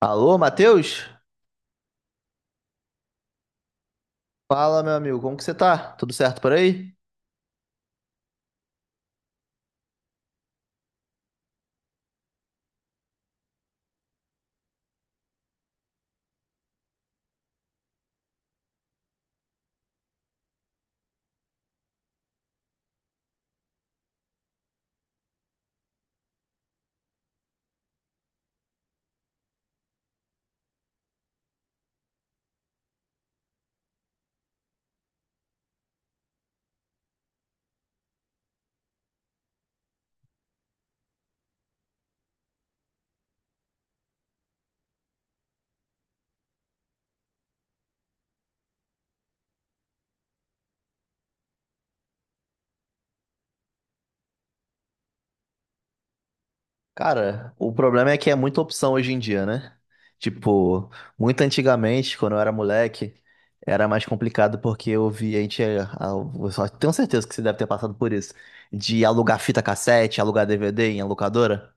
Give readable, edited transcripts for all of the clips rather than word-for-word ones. Alô, Matheus? Fala, meu amigo, como que você tá? Tudo certo por aí? Cara, o problema é que é muita opção hoje em dia, né? Tipo, muito antigamente, quando eu era moleque, era mais complicado porque eu via a gente, eu só tenho certeza que você deve ter passado por isso, de alugar fita cassete, alugar DVD em locadora.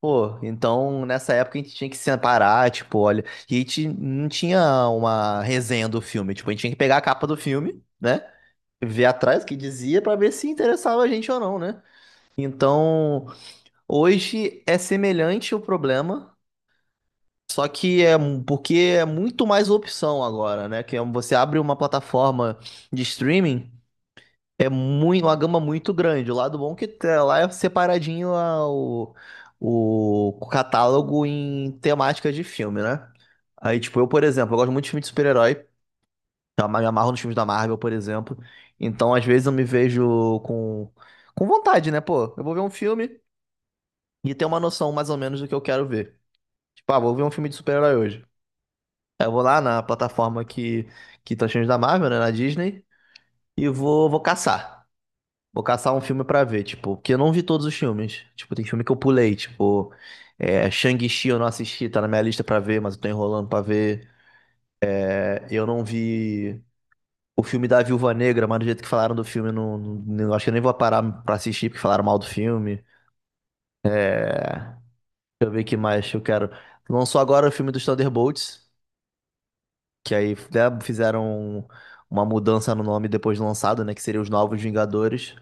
Pô, então nessa época a gente tinha que separar, tipo, olha, e a gente não tinha uma resenha do filme, tipo, a gente tinha que pegar a capa do filme, né? Ver atrás o que dizia para ver se interessava a gente ou não, né? Então, hoje é semelhante o problema, só que é mu- porque é muito mais opção agora, né? Você abre uma plataforma de streaming, é muito, uma gama muito grande. O lado bom é que tá lá é separadinho o catálogo em temática de filme, né? Aí, tipo, eu, por exemplo, eu gosto muito de filme de super-herói. Me amarro nos filmes da Marvel, por exemplo. Então, às vezes, eu me vejo com vontade, né? Pô, eu vou ver um filme e ter uma noção mais ou menos do que eu quero ver. Tipo, ah, vou ver um filme de super-herói hoje. Aí eu vou lá na plataforma que tá os filmes da Marvel, né? Na Disney, e vou caçar. Vou caçar um filme pra ver, tipo, porque eu não vi todos os filmes. Tipo, tem filme que eu pulei, tipo, é, Shang-Chi eu não assisti, tá na minha lista pra ver, mas eu tô enrolando pra ver. É, eu não vi o filme da Viúva Negra, mas do jeito que falaram do filme, acho que eu nem vou parar pra assistir, porque falaram mal do filme. Deixa eu ver o que mais que eu quero. Lançou agora o filme dos Thunderbolts, que aí né, fizeram uma mudança no nome depois de lançado, né? Que seria os Novos Vingadores.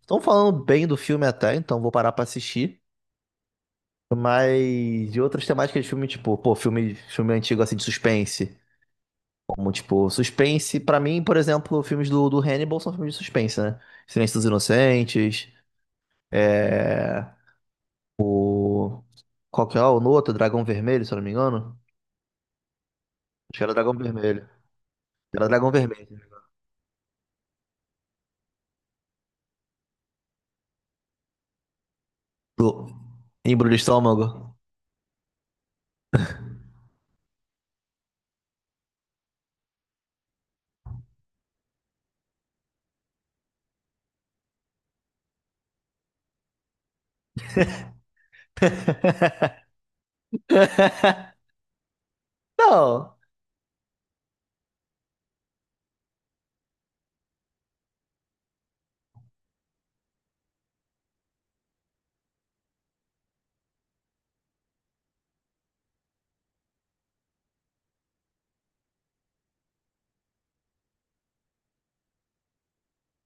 Estão falando bem do filme até, então vou parar pra assistir. Mas de outras temáticas de filme, tipo, pô, filme antigo assim de suspense. Como, tipo, suspense, pra mim, por exemplo, filmes do Hannibal são filmes de suspense, né? Silêncio dos Inocentes. É... Qual que é lá? O outro Dragão Vermelho, se eu não me engano. Acho que era Dragão Vermelho. Era Dragão Vermelho. Do... Embrulho de estômago. Não.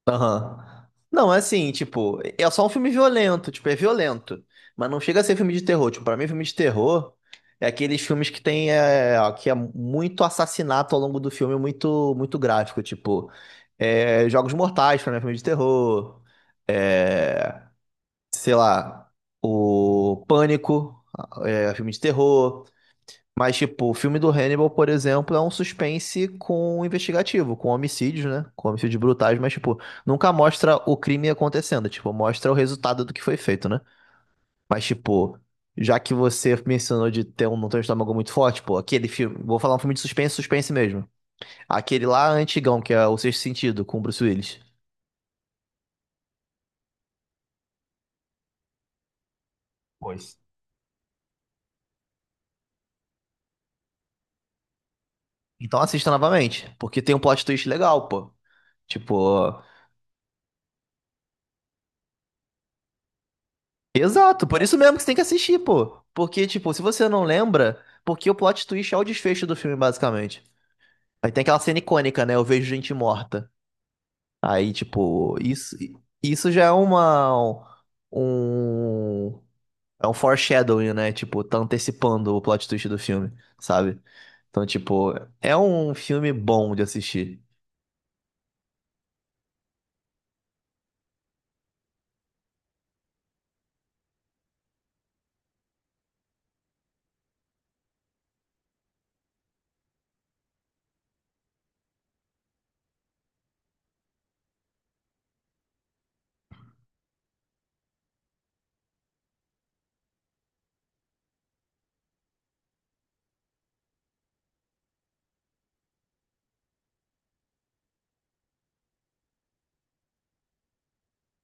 Aham. Não, é assim, tipo, é só um filme violento, tipo, é violento. Mas não chega a ser filme de terror. Tipo, pra mim, filme de terror é aqueles filmes que tem, é, que é muito assassinato ao longo do filme, muito, muito gráfico. Tipo, é, Jogos Mortais, pra mim, é filme de terror. É, sei lá, o Pânico, é, filme de terror. Mas, tipo, o filme do Hannibal, por exemplo, é um suspense com investigativo, com homicídios, né? Com homicídios brutais, mas, tipo, nunca mostra o crime acontecendo, tipo, mostra o resultado do que foi feito, né? Mas, tipo, já que você mencionou de ter um, não ter um estômago muito forte, pô, aquele filme, vou falar um filme de suspense, suspense mesmo. Aquele lá antigão, que é O Sexto Sentido, com o Bruce Willis. Pois. Então assista novamente, porque tem um plot twist legal, pô. Tipo, exato, por isso mesmo que você tem que assistir, pô. Porque, tipo, se você não lembra, porque o plot twist é o desfecho do filme, basicamente. Aí tem aquela cena icônica, né? Eu vejo gente morta. Aí, tipo, isso já é um, é um foreshadowing, né? Tipo, tá antecipando o plot twist do filme, sabe? Então, tipo, é um filme bom de assistir.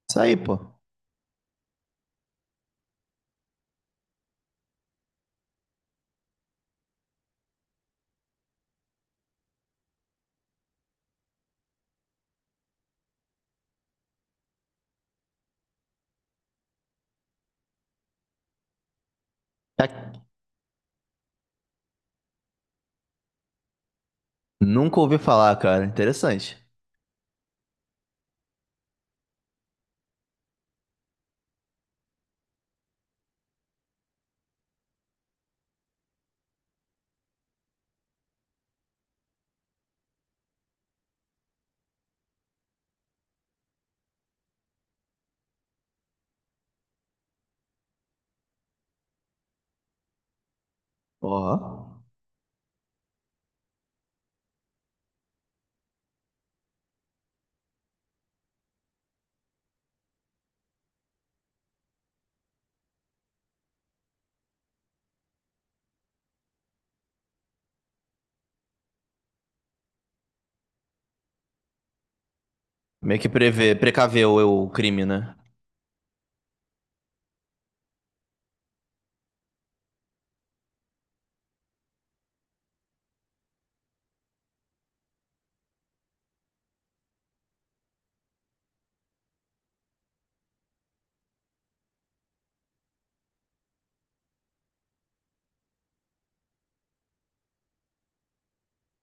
Isso aí, pô. É- Nunca ouvi falar, cara. Interessante. Ó. Meio que prever, precaver o crime, né?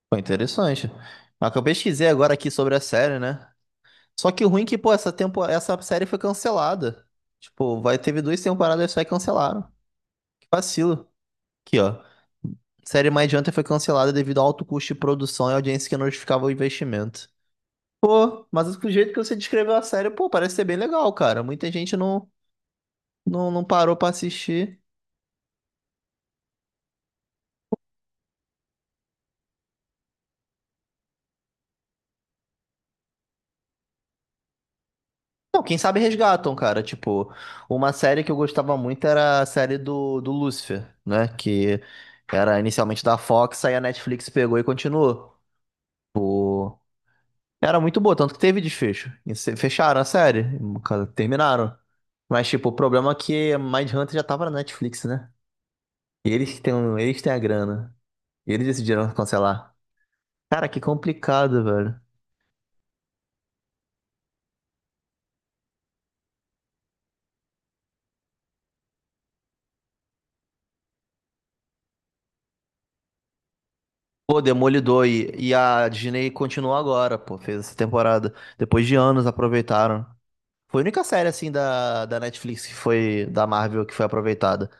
Foi interessante. Mas que eu pesquisei agora aqui sobre a série, né? Só que o ruim é que, pô, essa série foi cancelada. Tipo, vai... teve duas temporadas só e cancelaram. Que vacilo. Aqui, ó. Série mais Hunter foi cancelada devido ao alto custo de produção e audiência que não justificava o investimento. Pô, mas do jeito que você descreveu a série, pô, parece ser bem legal, cara. Muita gente não parou pra assistir. Não, quem sabe resgatam, cara. Tipo, uma série que eu gostava muito era a série do Lúcifer, né? Que era inicialmente da Fox, aí a Netflix pegou e continuou. Tipo, era muito boa, tanto que teve desfecho. E se- fecharam a série, cara, terminaram. Mas, tipo, o problema é que Mindhunter já tava na Netflix, né? E eles que têm, um- eles têm a grana. E eles decidiram cancelar. Cara, que complicado, velho. Pô, Demolidor e a Disney continuou agora, pô. Fez essa temporada. Depois de anos aproveitaram. Foi a única série, assim, da Netflix que foi, da Marvel, que foi aproveitada.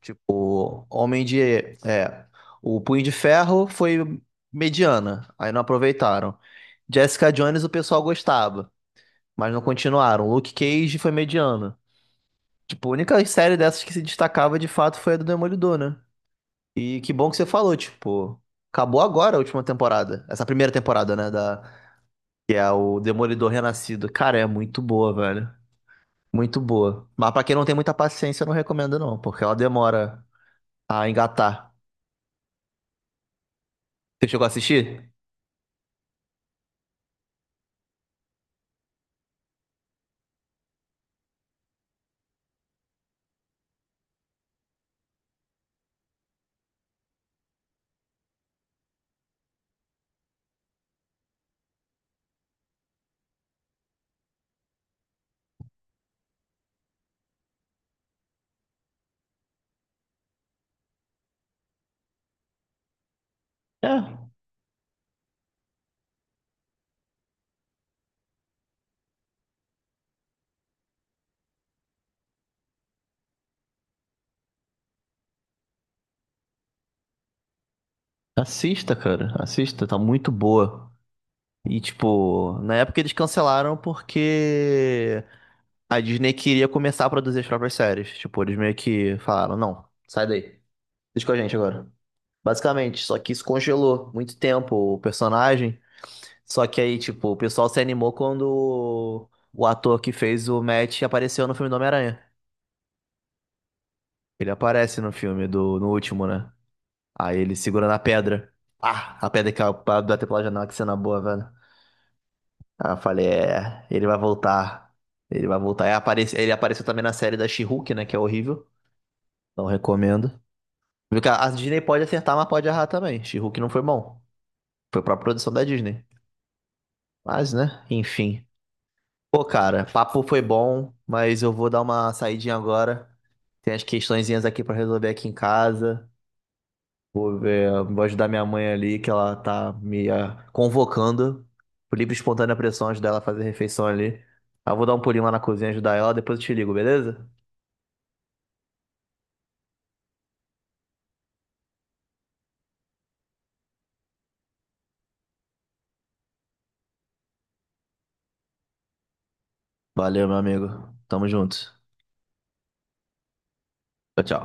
Tipo, Homem de... É, o Punho de Ferro foi mediana, aí não aproveitaram. Jessica Jones o pessoal gostava, mas não continuaram. Luke Cage foi mediano. Tipo, a única série dessas que se destacava, de fato, foi a do Demolidor, né? E que bom que você falou, tipo... Acabou agora a última temporada. Essa primeira temporada, né? Que é o Demolidor Renascido. Cara, é muito boa, velho. Muito boa. Mas pra quem não tem muita paciência, eu não recomendo não, porque ela demora a engatar. Você chegou a assistir? É, assista, cara. Assista, tá muito boa. E, tipo, na época eles cancelaram porque a Disney queria começar a produzir as próprias séries. Tipo, eles meio que falaram, não, sai daí. Deixa com a gente agora. Basicamente, só que isso congelou muito tempo o personagem. Só que aí, tipo, o pessoal se animou quando o ator que fez o Matt apareceu no filme do Homem-Aranha. Ele aparece no filme do, no último, né? Aí ele segura na pedra. Ah, a pedra que bateu pela janela, que cena boa, velho. Aí eu falei, é, ele vai voltar. Ele vai voltar. Aí aparece- ele apareceu também na série da She-Hulk, né? Que é horrível. Não recomendo. Porque a Disney pode acertar, mas pode errar também. She-Hulk não foi bom. Foi pra produção da Disney. Mas, né? Enfim. Pô, cara, papo foi bom, mas eu vou dar uma saidinha agora. Tem as questõezinhas aqui pra resolver aqui em casa. Vou ver, vou ajudar minha mãe ali, que ela tá me convocando por livre e espontânea pressão, ajudar ela a fazer a refeição ali. Aí eu vou dar um pulinho lá na cozinha, ajudar ela, depois eu te ligo, beleza? Valeu, meu amigo. Tamo junto. Tchau, tchau.